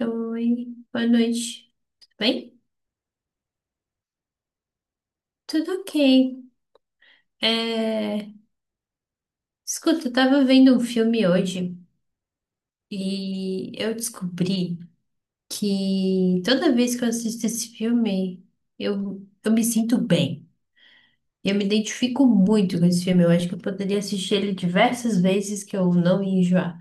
Oi, boa noite. Tudo bem? Tudo ok. É, escuta, eu tava vendo um filme hoje e eu descobri que toda vez que eu assisto esse filme, eu me sinto bem. Eu me identifico muito com esse filme. Eu acho que eu poderia assistir ele diversas vezes que eu não ia enjoar.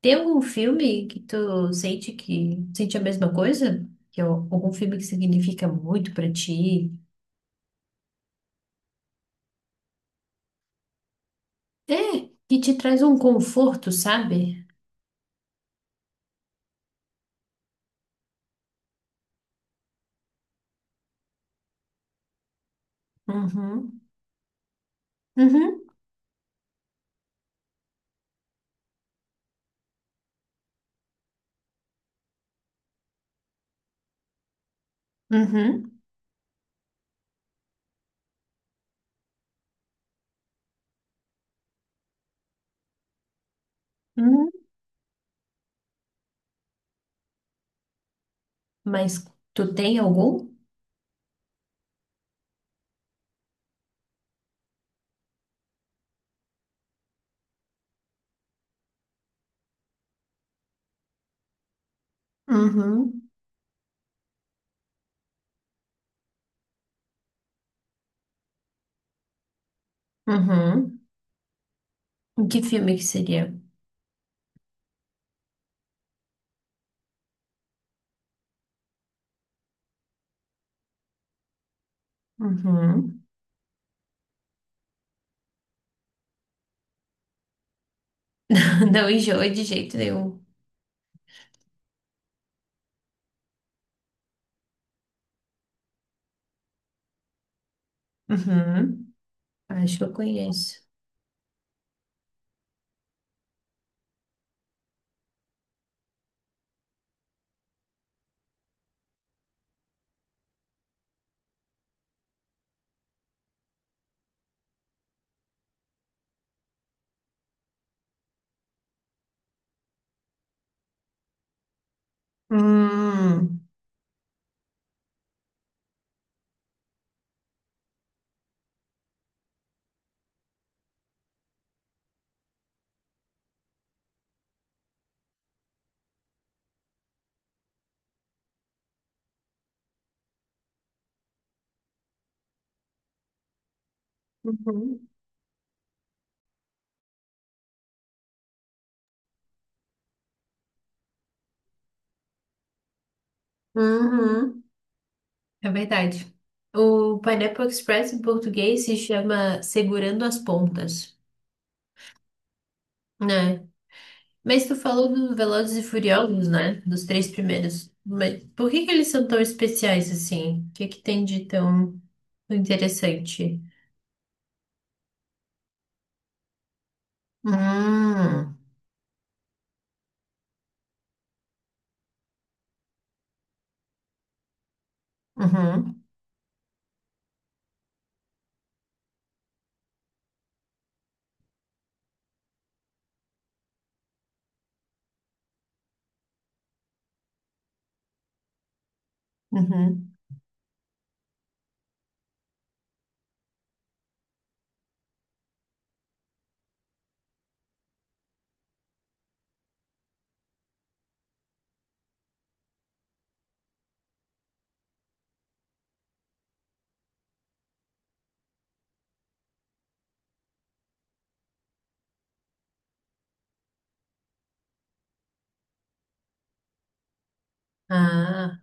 Tem algum filme que tu sente que sente a mesma coisa? Que é algum filme que significa muito pra ti? É, que te traz um conforto, sabe? Uhum, uhum, uhum, uhum. Mas tu tem algum? Uhum, uhum. E que filme que seria? Uhum. Não enjoa de jeito nenhum. Uhum. Acho que eu conheço. Hum. Uhum. Uhum. É verdade. O Pineapple Express em português se chama Segurando as Pontas, né? Mas tu falou dos Velozes e Furiosos, né? Dos três primeiros. Mas por que que eles são tão especiais assim? O que que tem de tão interessante? Hum, uhum, uhum. Ah,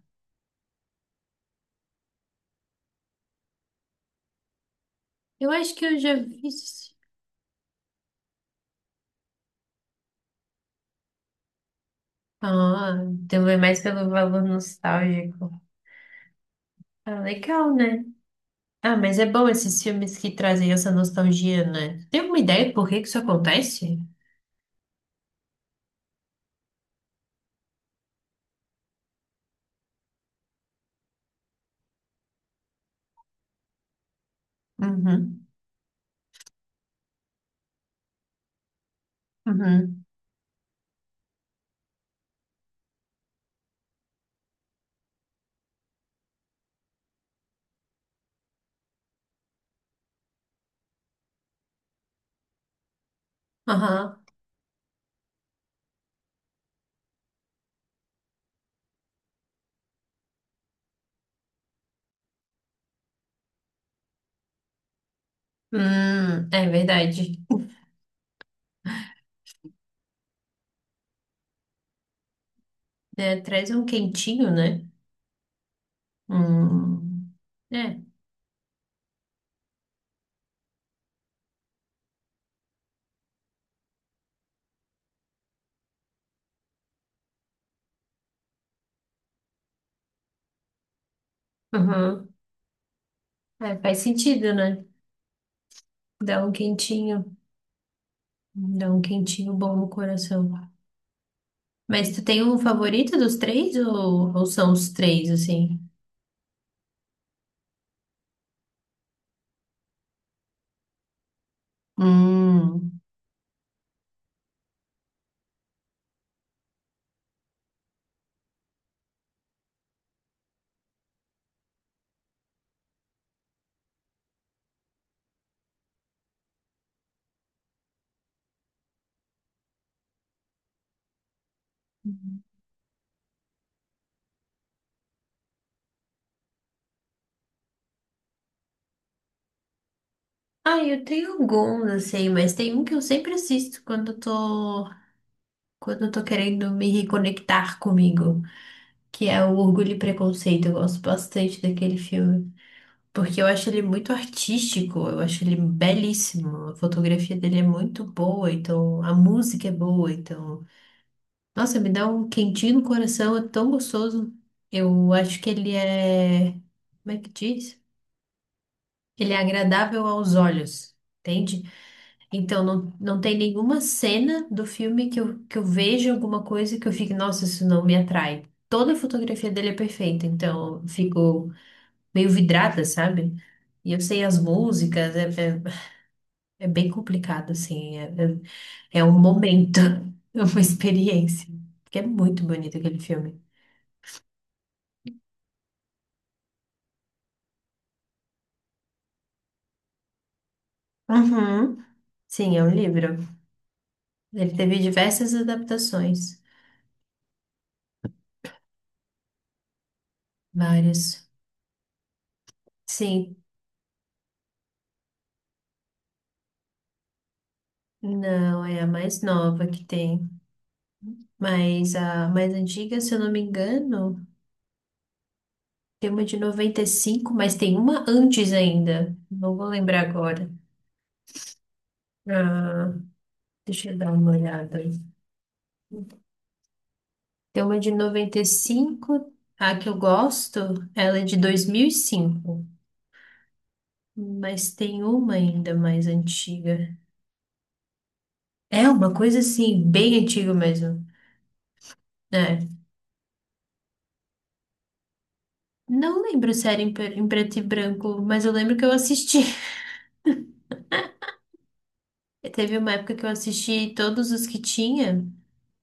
eu acho que eu já vi isso. Ah, então é mais pelo valor nostálgico. Ah, legal, né? Ah, mas é bom esses filmes que trazem essa nostalgia, né? Tem alguma ideia por que que isso acontece? Uhum, uhum, aham. É verdade. É, traz um quentinho, né? Hum, é, uhum. É, faz sentido, né? Dá um quentinho, dá um quentinho bom no coração. Mas tu tem um favorito dos três ou são os três, assim? Hum. Ah, eu tenho alguns, assim, mas tem um que eu sempre assisto quando eu tô querendo me reconectar comigo, que é o Orgulho e Preconceito. Eu gosto bastante daquele filme. Porque eu acho ele muito artístico, eu acho ele belíssimo, a fotografia dele é muito boa, então a música é boa, então. Nossa, me dá um quentinho no coração, é tão gostoso. Eu acho que ele é. Como é que diz? Ele é agradável aos olhos, entende? Então não, não tem nenhuma cena do filme que eu veja alguma coisa que eu fique, nossa, isso não me atrai. Toda a fotografia dele é perfeita, então eu fico meio vidrada, sabe? E eu sei as músicas, é bem complicado, assim. É um momento, é uma experiência. Porque é muito bonito aquele filme. Uhum. Sim, é um livro. Ele teve diversas adaptações, várias. Sim, não, é a mais nova que tem. Mas a mais antiga, se eu não me engano, tem uma de 95, mas tem uma antes ainda. Não vou lembrar agora. Ah, deixa eu dar uma olhada. Tem uma de 95 a que eu gosto, ela é de 2005, mas tem uma ainda mais antiga. É uma coisa assim, bem antiga mesmo, né? Não lembro se era em, em preto e branco, mas eu lembro que eu assisti. Teve uma época que eu assisti todos os que tinha,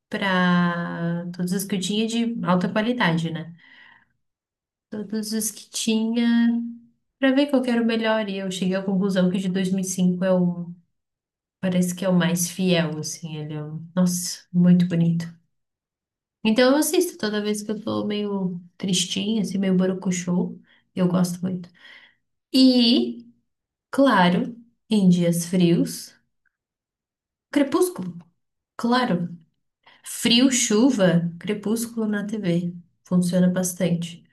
pra. Todos os que eu tinha de alta qualidade, né? Todos os que tinha, pra ver qual que era o melhor, e eu cheguei à conclusão que o de 2005 é o. Parece que é o mais fiel, assim, ele é um... Nossa, muito bonito. Então eu assisto toda vez que eu tô meio tristinha, assim, meio borocochô. Eu gosto muito. E, claro, em dias frios, crepúsculo. Claro. Frio, chuva, crepúsculo na TV. Funciona bastante.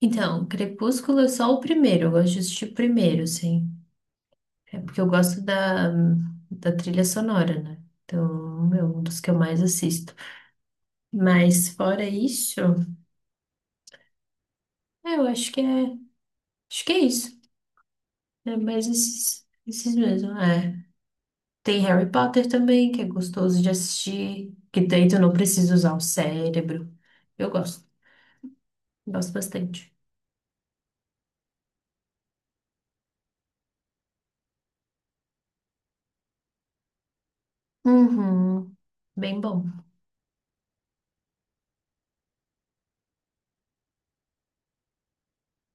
Então, crepúsculo é só o primeiro. Eu gosto de assistir o primeiro, assim. É porque eu gosto da trilha sonora, né? Então, é um dos que eu mais assisto. Mas fora isso, é, eu acho que é isso. É mais esses mesmo, é. Tem Harry Potter também, que é gostoso de assistir, que daí tu não precisa usar o cérebro. Eu gosto, gosto bastante. Uhum, bem bom.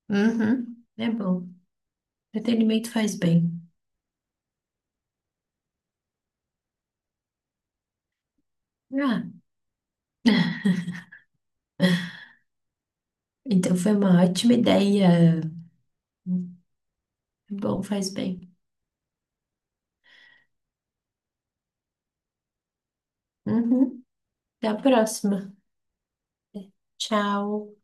Uhum, é bom. Entretenimento faz bem. Ah, então foi uma ótima ideia. Bom, faz bem. Uhum, até a próxima. Tchau.